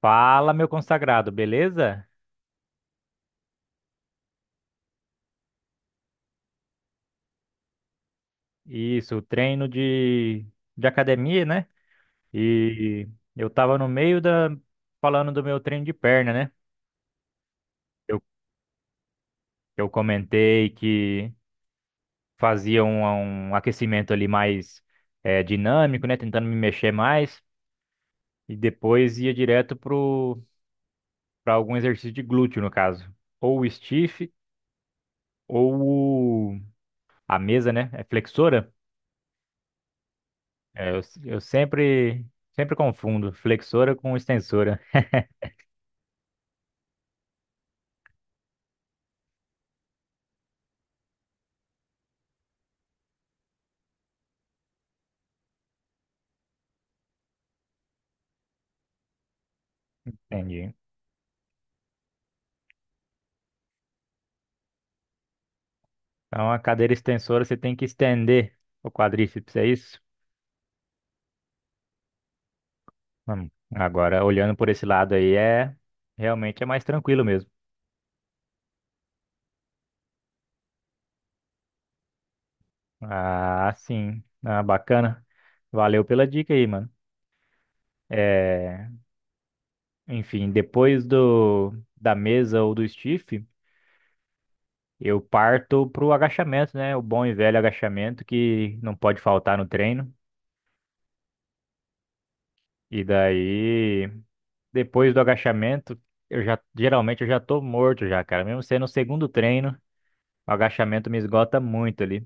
Fala, meu consagrado, beleza? Isso, treino de academia, né? E eu tava no meio da falando do meu treino de perna, né? Eu, eu comentei que fazia um aquecimento ali mais dinâmico, né? Tentando me mexer mais e depois ia direto pro para algum exercício de glúteo, no caso, ou o stiff ou o- a mesa, né? É flexora. É, eu sempre confundo flexora com extensora. Entendi. Então, a cadeira extensora você tem que estender o quadríceps, é isso? Agora, olhando por esse lado aí, realmente é mais tranquilo mesmo. Ah, sim. Ah, bacana. Valeu pela dica aí, mano. É, enfim, depois do da mesa ou do stiff, eu parto pro agachamento, né? O bom e velho agachamento que não pode faltar no treino. E daí, depois do agachamento, eu já tô morto já, cara. Mesmo sendo o segundo treino, o agachamento me esgota muito ali.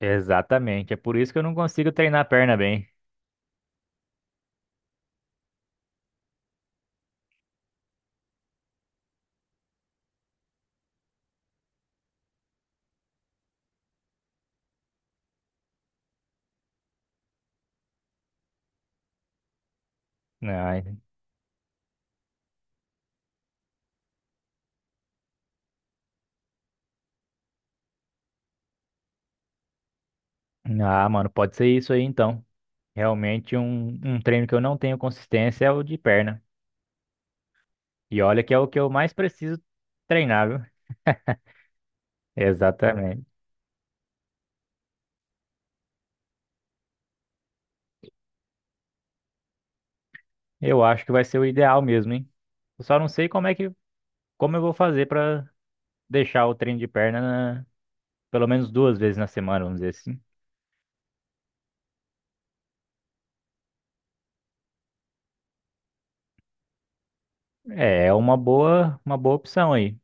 Exatamente. É por isso que eu não consigo treinar a perna bem. Ai, Ah, mano, pode ser isso aí então. Realmente um treino que eu não tenho consistência é o de perna. E olha que é o que eu mais preciso treinar, viu? Exatamente. Eu acho que vai ser o ideal mesmo, hein? Eu só não sei como é que como eu vou fazer pra deixar o treino de perna pelo menos duas vezes na semana, vamos dizer assim. É, uma boa opção aí.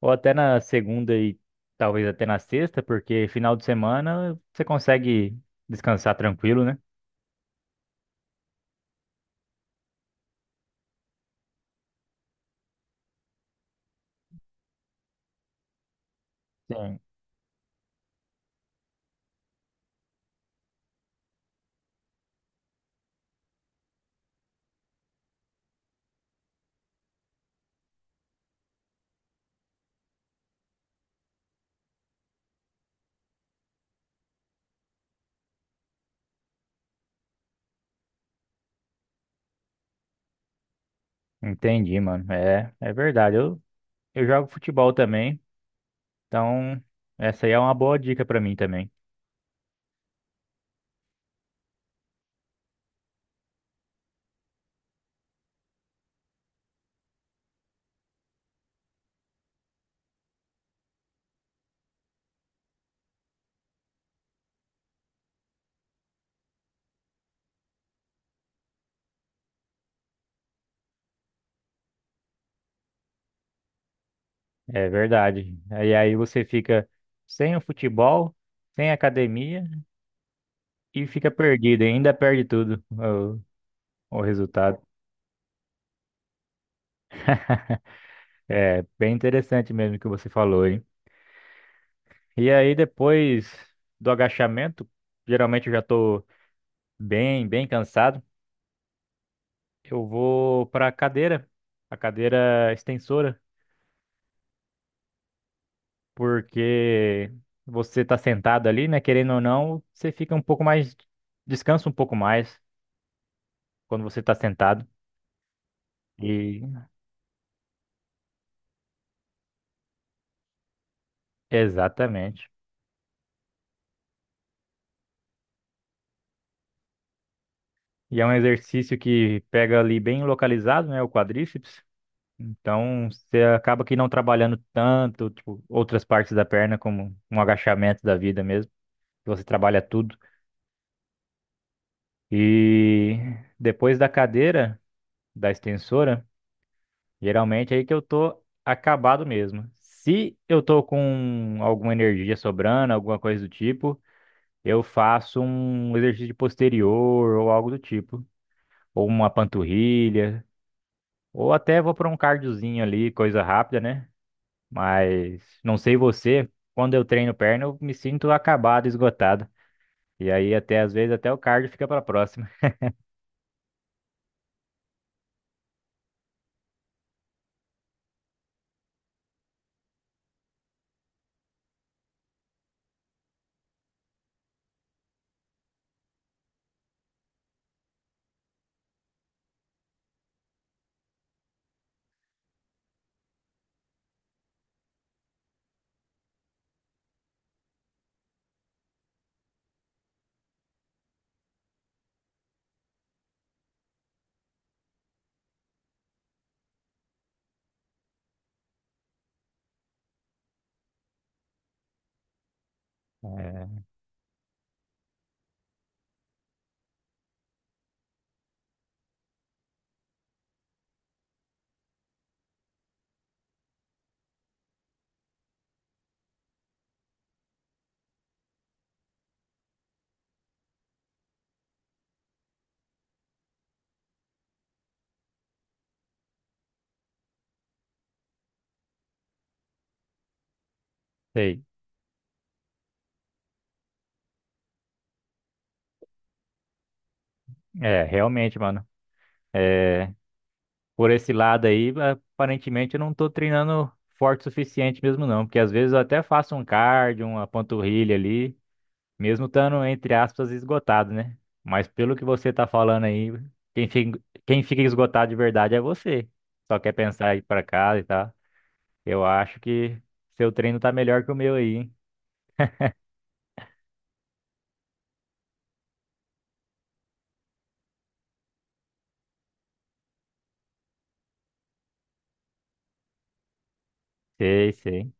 Ou até na segunda e talvez até na sexta, porque final de semana você consegue descansar tranquilo, né? Sim. Entendi, mano. É, é verdade. Eu jogo futebol também, então essa aí é uma boa dica pra mim também. É verdade. Aí você fica sem o futebol, sem academia e fica perdido, e ainda perde tudo o resultado. É bem interessante mesmo o que você falou, hein? E aí, depois do agachamento, geralmente eu já tô bem cansado. Eu vou para a cadeira extensora, porque você tá sentado ali, né? Querendo ou não, você fica um pouco mais, descansa um pouco mais quando você tá sentado. E exatamente. E é um exercício que pega ali bem localizado, né? O quadríceps. Então, você acaba que não trabalhando tanto, tipo, outras partes da perna, como um agachamento da vida mesmo, que você trabalha tudo. E depois da cadeira, da extensora, geralmente é aí que eu tô acabado mesmo. Se eu tô com alguma energia sobrando, alguma coisa do tipo, eu faço um exercício de posterior ou algo do tipo, ou uma panturrilha, ou até vou para um cardiozinho ali, coisa rápida, né? Mas não sei você, quando eu treino perna, eu me sinto acabado, esgotado. E aí até às vezes até o cardio fica para próxima. É, sei. É, realmente, mano. É, por esse lado aí, aparentemente eu não tô treinando forte o suficiente mesmo não, porque às vezes eu até faço um cardio, uma panturrilha ali, mesmo estando entre aspas esgotado, né? Mas pelo que você tá falando aí, quem fica, quem fica esgotado de verdade é você. Só quer pensar em ir para casa e tal. Eu acho que seu treino tá melhor que o meu aí, hein? Sei, sei.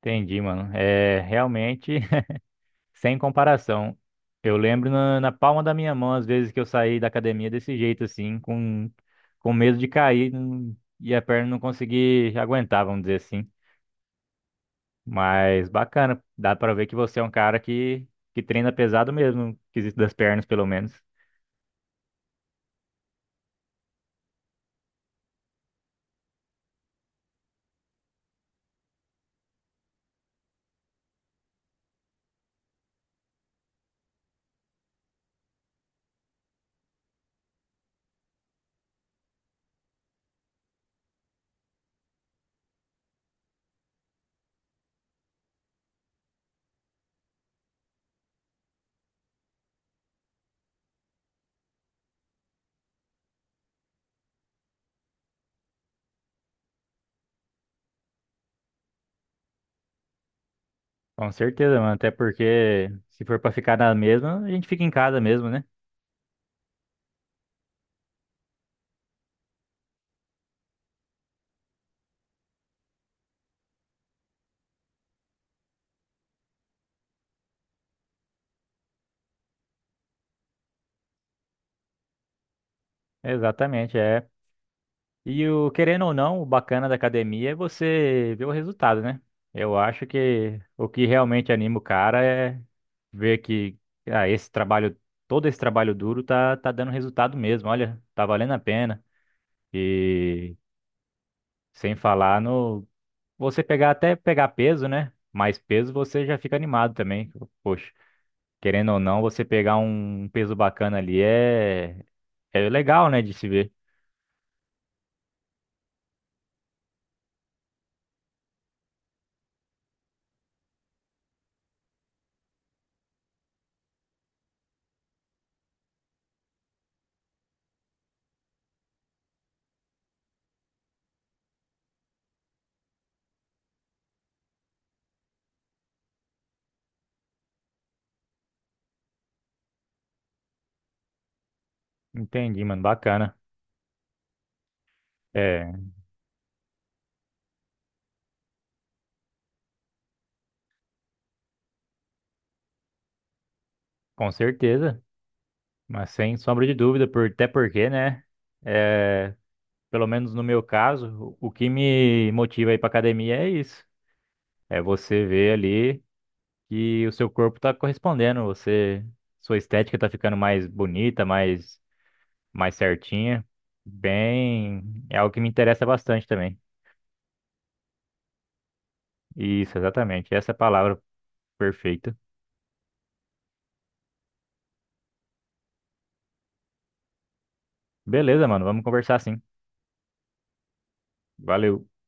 Entendi, mano. É realmente sem comparação. Eu lembro na, palma da minha mão, às vezes que eu saí da academia desse jeito, assim, com medo de cair e a perna não conseguir aguentar, vamos dizer assim. Mas bacana, dá pra ver que você é um cara que treina pesado mesmo, no quesito das pernas, pelo menos. Com certeza, mano. Até porque se for pra ficar na mesma, a gente fica em casa mesmo, né? Exatamente, é. E o querendo ou não, o bacana da academia é você ver o resultado, né? Eu acho que o que realmente anima o cara é ver que ah, esse trabalho, todo esse trabalho duro tá dando resultado mesmo. Olha, tá valendo a pena. E sem falar no você pegar até pegar peso, né? Mais peso você já fica animado também. Poxa, querendo ou não, você pegar um peso bacana ali é legal, né, de se ver. Entendi, mano, bacana. É, com certeza. Mas sem sombra de dúvida, por, até porque, né? É, pelo menos no meu caso, o que me motiva a ir para academia é isso. É você ver ali que o seu corpo tá correspondendo, você, sua estética tá ficando mais bonita, mais certinha. Bem, é algo que me interessa bastante também. Isso, exatamente. Essa é a palavra perfeita. Beleza, mano, vamos conversar sim. Valeu.